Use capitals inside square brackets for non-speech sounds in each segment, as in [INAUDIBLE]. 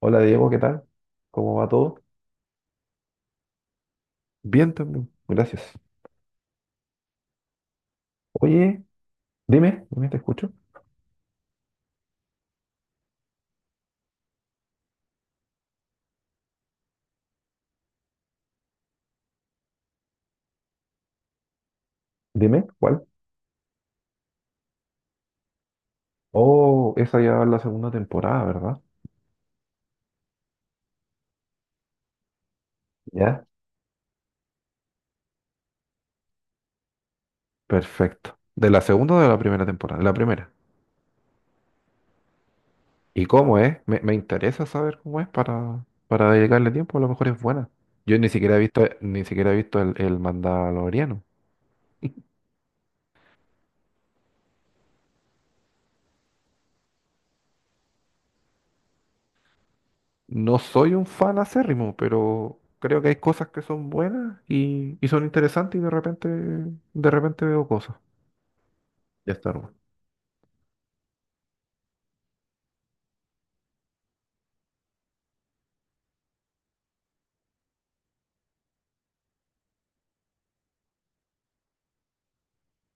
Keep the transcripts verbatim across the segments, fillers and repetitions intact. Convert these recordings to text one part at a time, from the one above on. Hola Diego, ¿qué tal? ¿Cómo va todo? Bien también, gracias. Oye, dime, dime, te escucho. Dime, ¿cuál? Oh, esa ya va en la segunda temporada, ¿verdad? Ya. Perfecto. ¿De la segunda o de la primera temporada? De la primera. ¿Y cómo es? Me, me interesa saber cómo es para, para dedicarle tiempo, a lo mejor es buena. Yo ni siquiera he visto, ni siquiera he visto el, el Mandaloriano. [LAUGHS] No soy un fan acérrimo, pero creo que hay cosas que son buenas y, y son interesantes y de repente, de repente veo cosas. Ya está Wars.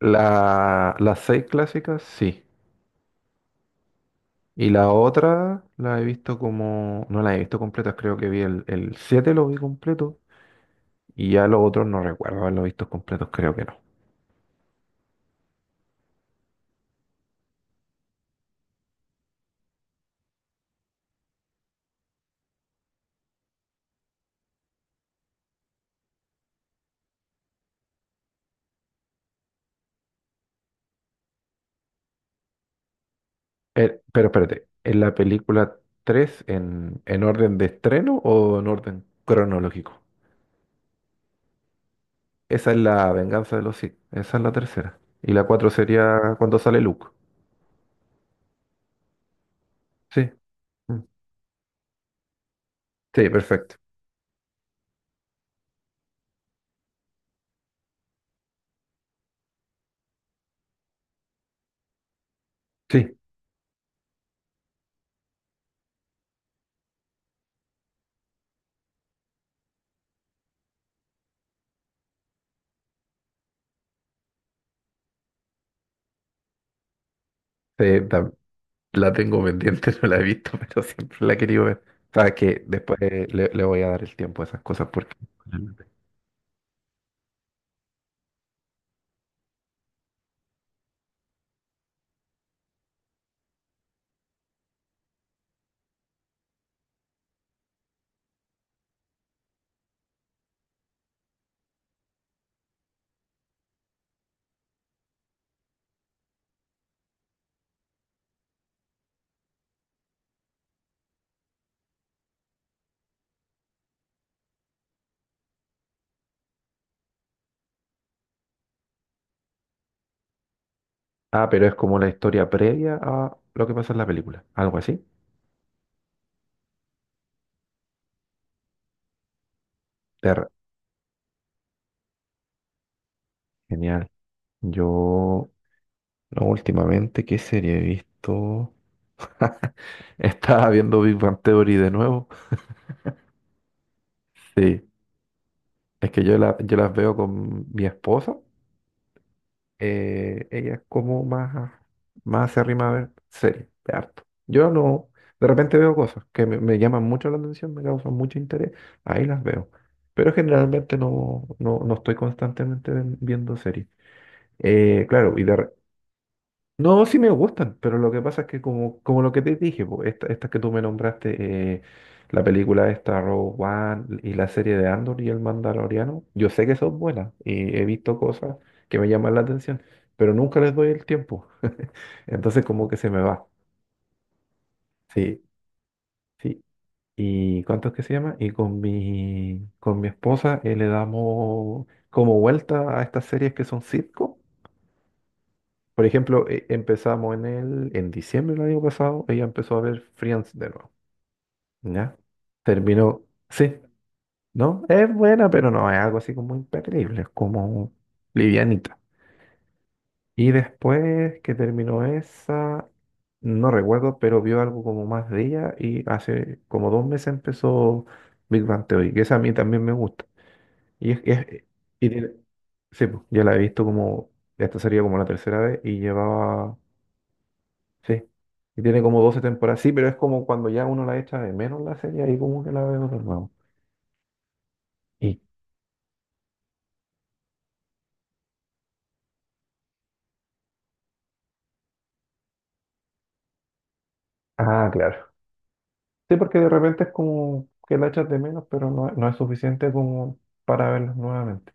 La, las seis clásicas, sí. Y la otra la he visto como... No la he visto completa, creo que vi el, el siete lo vi completo. Y ya los otros no recuerdo haberlo visto completos, creo que no. Eh, pero espérate, ¿en la película tres en, en orden de estreno o en orden cronológico? Esa es la venganza de los Sith, esa es la tercera. Y la cuatro sería cuando sale Luke. Sí. Mm. Sí, perfecto. Sí, sí, la tengo pendiente, [LAUGHS] no la he visto, pero siempre la he querido ver. Sabes que después eh, le, le voy a dar el tiempo a esas cosas porque... Ah, pero es como la historia previa a lo que pasa en la película. Algo así. Ter- Genial. Yo, no, últimamente, ¿qué serie he visto? [LAUGHS] Estaba viendo Big Bang Theory de nuevo. Sí, es que yo, la, yo las veo con mi esposa, eh, ella es como más, más acérrima a ver series de harto. Yo no, de repente veo cosas que me, me llaman mucho la atención, me causan mucho interés, ahí las veo. Pero generalmente no, no, no estoy constantemente ven- viendo series. Eh, claro, y de, no, sí me gustan, pero lo que pasa es que como, como lo que te dije, po, esta- estas que tú me nombraste, eh, la película esta, Rogue One, y la serie de Andor y el Mandaloriano, yo sé que son buenas y he visto cosas que me llaman la atención, pero nunca les doy el tiempo. [LAUGHS] Entonces como que se me va. Sí, sí. ¿Y cuánto es que se llama? Y con mi, con mi esposa, eh, le damos como vuelta a estas series que son sitcom. Por ejemplo, e- empezamos en el, en diciembre del año pasado, ella empezó a ver Friends de nuevo, ¿ya? Terminó, sí, ¿no? Es buena, pero no es algo así como imperdible, es como livianita. Y después que terminó esa, no recuerdo, pero vio algo como más de ella y hace como dos meses empezó Big Bang Theory, que esa a mí también me gusta. Y es, es- y tiene- sí, pues, ya la he visto como, esta sería como la tercera vez y llevaba. Sí. Y tiene como doce temporadas. Sí, pero es como cuando ya uno la echa de menos la serie, ahí como que la veo de nuevo. Y, ah, claro. Sí, porque de repente es como que la echas de menos, pero no, no es suficiente como para verla nuevamente.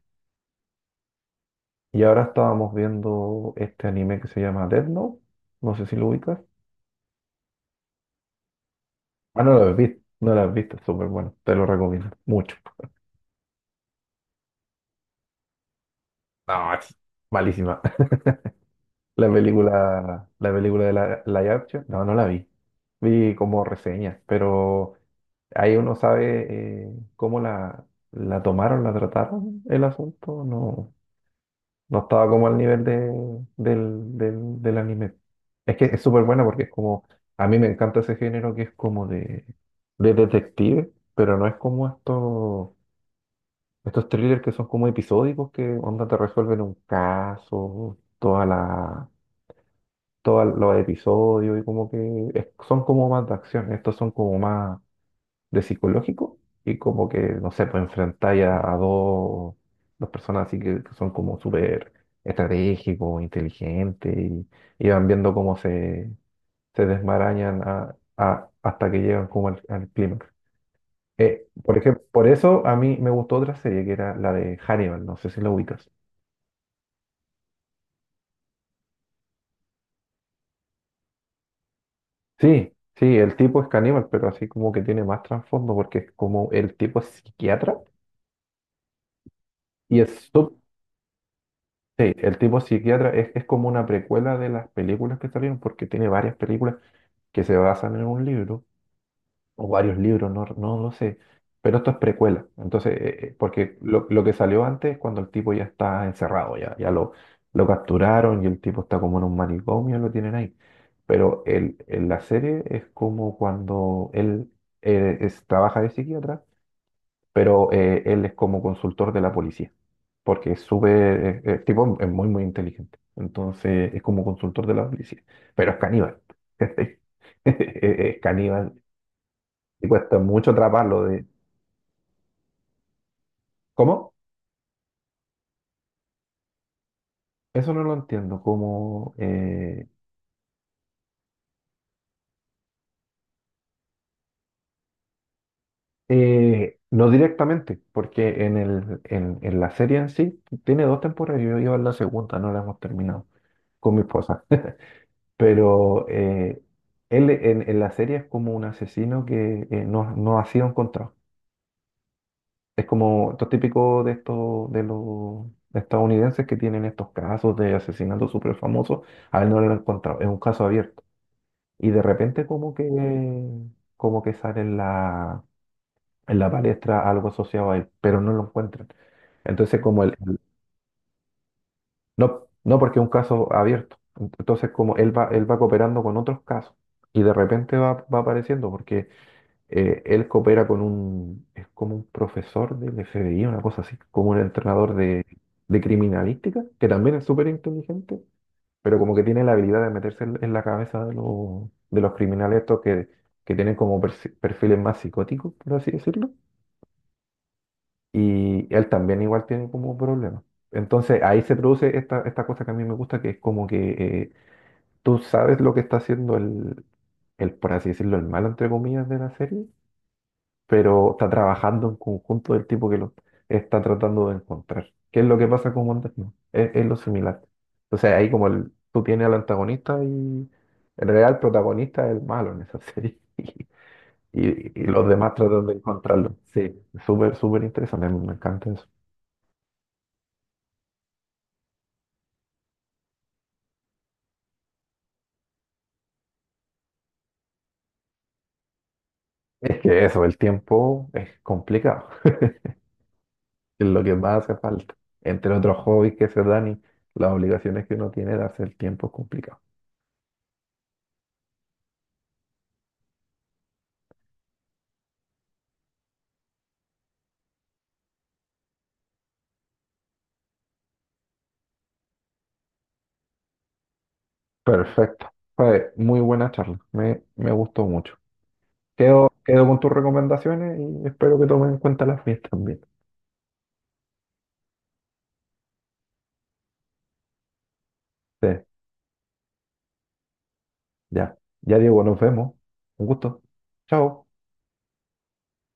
Y ahora estábamos viendo este anime que se llama Death Note. No sé si lo ubicas. Ah, no lo has visto. No lo has visto, es súper bueno. Te lo recomiendo mucho. No, es malísima. [LAUGHS] La película, la película de la, la live action, no, no la vi. Vi como reseñas, pero. Ahí uno sabe, eh, cómo la, la tomaron, la trataron el asunto. No, no estaba como al nivel de, del, del, del anime. Es que es súper buena porque es como, a mí me encanta ese género que es como de, de detective, pero no es como estos, estos thrillers que son como episódicos que onda te resuelven un caso, toda la, todos los episodios y como que es- son como más de acción. Estos son como más de psicológico y como que, no sé, pues enfrentáis a, a dos, dos personas así que, que son como súper estratégicos, inteligentes y, y van viendo cómo se, se desmarañan a- a- hasta que llegan como al, al clímax. Eh, por ejemplo, por eso a mí me gustó otra serie que era la de Hannibal, no sé si la ubicas. Sí, sí, el tipo es caníbal, pero así como que tiene más trasfondo porque es como el tipo es psiquiatra y es súper. Sí, el tipo psiquiatra es, es como una precuela de las películas que salieron, porque tiene varias películas que se basan en un libro, o varios libros, no, no lo sé, pero esto es precuela. Entonces, eh, eh, porque lo, lo que salió antes es cuando el tipo ya está encerrado, ya, ya lo, lo capturaron y el tipo está como en un manicomio, lo tienen ahí. Pero el, en la serie es como cuando él eh, es- trabaja de psiquiatra, pero eh, él es como consultor de la policía, porque es súper, eh, eh, tipo, es muy, muy inteligente. Entonces es como consultor de la policía, pero es caníbal. [LAUGHS] Es es caníbal y cuesta mucho atraparlo de... ¿Cómo? Eso no lo entiendo, como... eh, eh, no directamente, porque en, el, en, en la serie en sí tiene dos temporadas, yo iba en la segunda, no la hemos terminado con mi esposa. Pero eh, él en, en la serie es como un asesino que, eh, no, no ha sido encontrado. Es como lo típico de estos de los estadounidenses que tienen estos casos de asesinatos súper famosos. A él no lo han encontrado. Es un caso abierto. Y de repente como que como que sale en la, en la palestra algo asociado a él, pero no lo encuentran. Entonces como él, él- no, no porque es un caso abierto. Entonces como él va, él va cooperando con otros casos y de repente va, va apareciendo porque, eh, él coopera con un, es como un profesor del F B I, una cosa así, como un entrenador de, de criminalística, que también es súper inteligente, pero como que tiene la habilidad de meterse en, en la cabeza de los, de los criminales estos que, que tienen como persi- perfiles más psicóticos, por así decirlo, y él también igual tiene como problemas. Entonces ahí se produce esta, esta cosa que a mí me gusta, que es como que, eh, tú sabes lo que está haciendo el, el, por así decirlo, el malo, entre comillas, de la serie, pero está trabajando en conjunto del tipo que lo está tratando de encontrar. ¿Qué es lo que pasa con Wonder Woman? Es, es lo similar. Entonces ahí como el, tú tienes al antagonista y en realidad el protagonista es el malo en esa serie. [LAUGHS] Y, y los demás tratan de encontrarlo. Sí, súper, súper interesante. Me me encanta eso. Es que eso, el tiempo es complicado. [LAUGHS] Es lo que más hace falta. Entre otros hobbies que se dan y las obligaciones que uno tiene, darse el tiempo es complicado. Perfecto. Fue muy buena charla. Me, me gustó mucho. Quedo, quedo con tus recomendaciones y espero que tomen en cuenta las mías también. Sí, ya. Ya, Diego, nos vemos. Un gusto. Chao.